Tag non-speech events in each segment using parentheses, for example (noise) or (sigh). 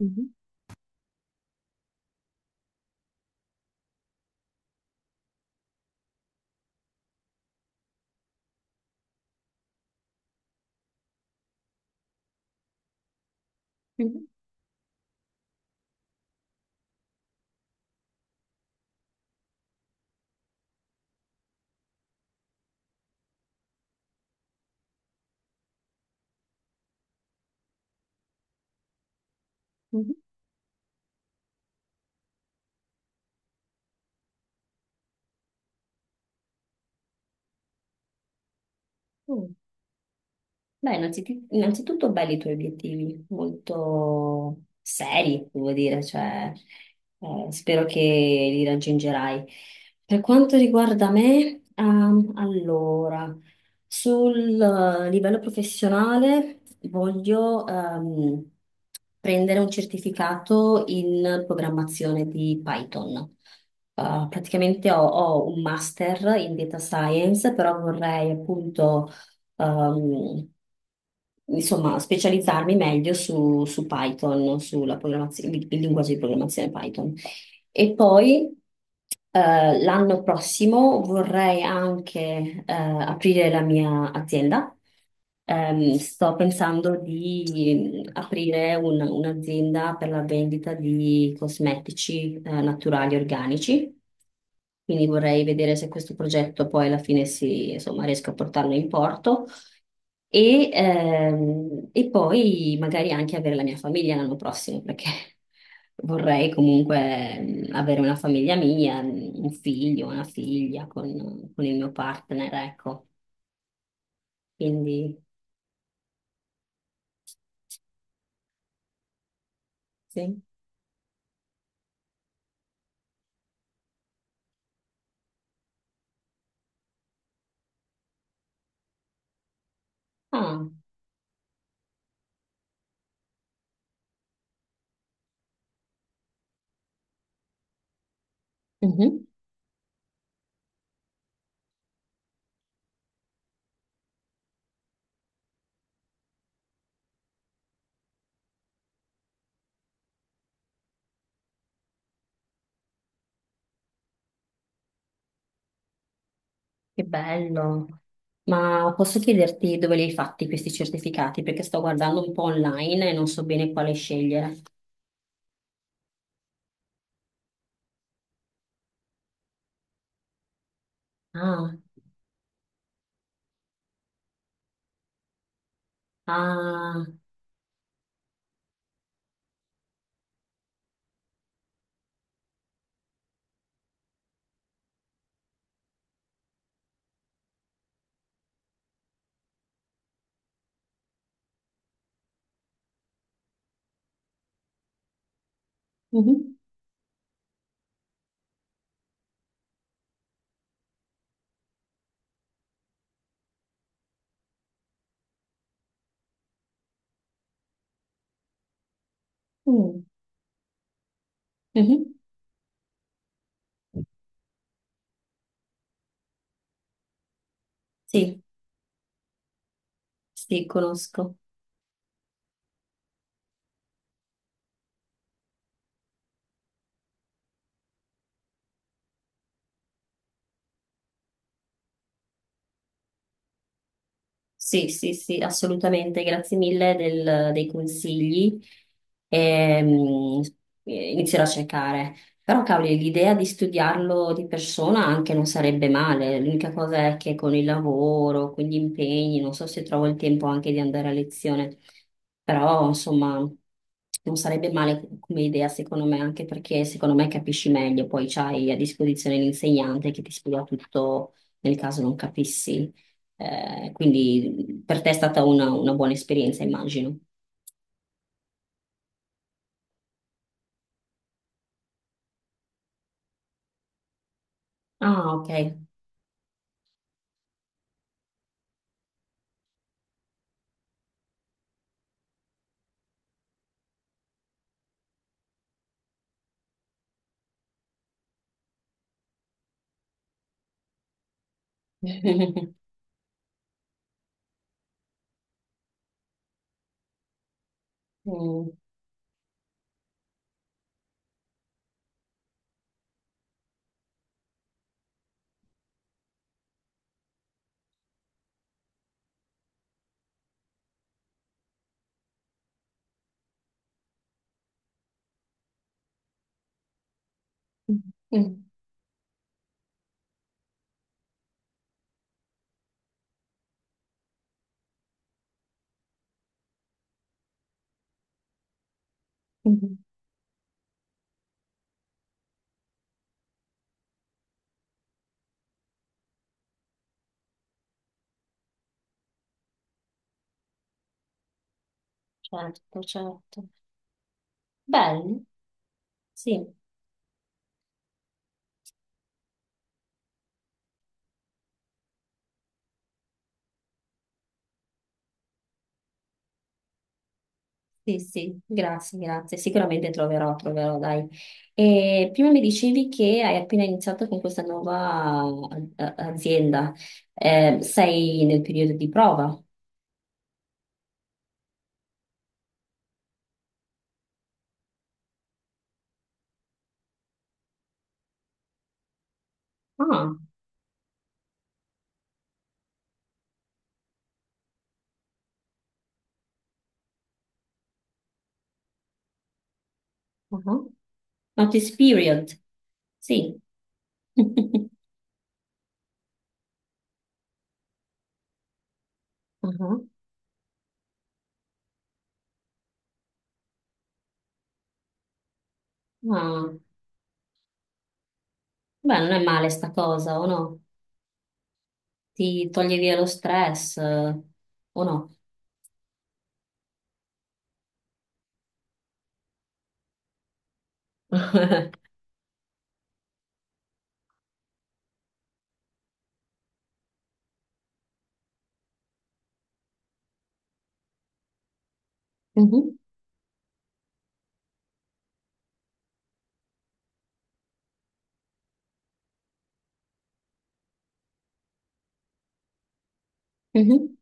Mhm, mhm, mhm. Mm. Beh, innanzitutto belli i tuoi obiettivi, molto seri, devo dire, cioè, spero che li raggiungerai. Per quanto riguarda me, allora, sul livello professionale voglio prendere un certificato in programmazione di Python. Praticamente ho un master in data science, però vorrei appunto ehm, insomma, specializzarmi meglio su Python, sulla programmazione, il linguaggio di programmazione Python. E poi l'anno prossimo vorrei anche aprire la mia azienda. Sto pensando di aprire un'azienda per la vendita di cosmetici naturali organici. Quindi vorrei vedere se questo progetto poi alla fine si, insomma, riesco a portarlo in porto. E poi magari anche avere la mia famiglia l'anno prossimo, perché (laughs) vorrei comunque avere una famiglia mia, un figlio, una figlia con il mio partner, ecco. Quindi, sì. Ah, mhm. Che bello. Ma posso chiederti dove li hai fatti questi certificati? Perché sto guardando un po' online e non so bene quale scegliere. Ah, ah, mhm, mm, mhm. Sì, sì, conosco. Sì, sì, sì, assolutamente, grazie dei consigli. Ehm, Inizierò a cercare. Però, cavoli, l'idea di studiarlo di persona anche non sarebbe male. L'unica cosa è che con il lavoro, con gli impegni, non so se trovo il tempo anche di andare a lezione. Però, insomma, non sarebbe male come idea, secondo me, anche perché secondo me capisci meglio. Poi c'hai a disposizione l'insegnante che ti spiega tutto nel caso non capissi. Quindi per te è stata una buona esperienza, immagino. Ah, ok. (laughs) Mm. Mm. Certo, certo. Bene, sì, sì, sì, grazie, grazie. Sicuramente troverò, troverò, dai. E prima mi dicevi che hai appena iniziato con questa nuova azienda. Sei nel periodo di prova? Ah, uh-huh. Notice period. Sì. (laughs) Mhm. Ah. Beh, non è male sta cosa, o no? Ti toglie via lo stress, o no? (laughs) Mhm, mhm,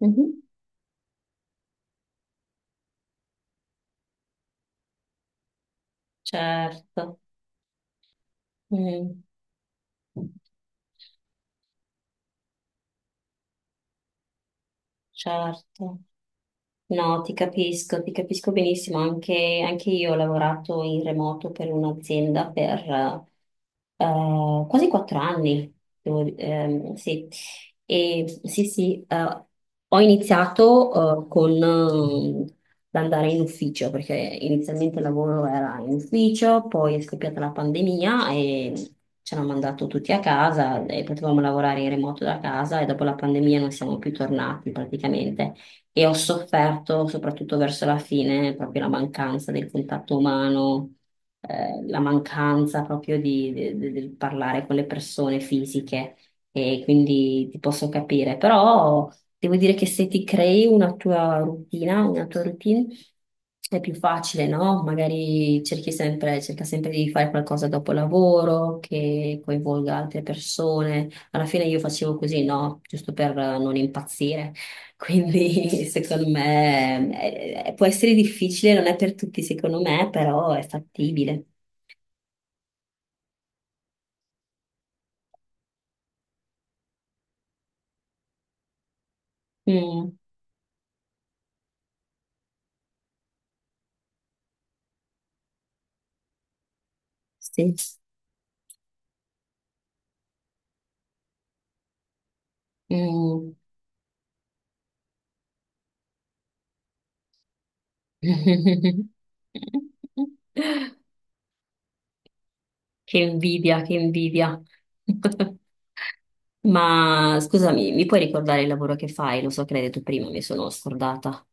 mhm. Certo, mm, certo. No, ti capisco benissimo. Anche, anche io ho lavorato in remoto per un'azienda per quasi 4 anni. Devo di- sì. Sì, sì, ho iniziato con l'andare in ufficio, perché inizialmente il lavoro era in ufficio, poi è scoppiata la pandemia e ci hanno mandato tutti a casa e potevamo lavorare in remoto da casa e dopo la pandemia non siamo più tornati praticamente e ho sofferto soprattutto verso la fine proprio la mancanza del contatto umano, la mancanza proprio del parlare con le persone fisiche e quindi ti posso capire, però devo dire che se ti crei una tua routine è più facile, no? Magari cerchi sempre, cerca sempre di fare qualcosa dopo lavoro che coinvolga altre persone. Alla fine io facevo così, no? Giusto per non impazzire. Quindi (laughs) secondo me può essere difficile, non è per tutti secondo me, però è fattibile. Mm, sì. Mm. (laughs) Che invidia, che invidia. (laughs) Ma scusami, mi puoi ricordare il lavoro che fai? Lo so che l'hai detto prima, mi sono scordata.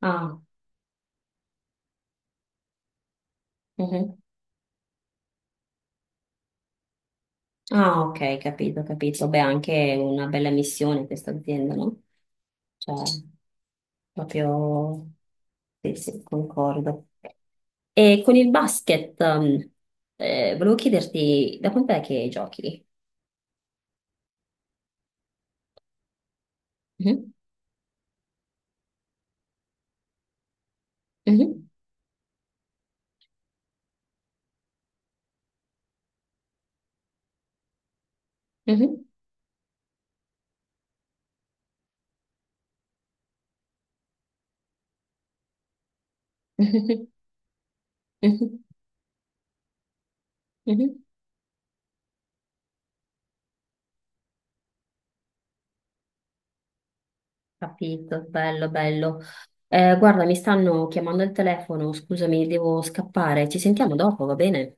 Ah, mhm. Ah, ok, capito, capito. Beh, anche una bella missione questa azienda, no? Cioè, proprio... Sì, sì, concordo. E con il basket, volevo chiederti, da quant'è che giochi? Mhm, mhm, mhm, mhm, mhm, mhm. Capito, bello, bello. Guarda, mi stanno chiamando al telefono, scusami, devo scappare. Ci sentiamo dopo, va bene?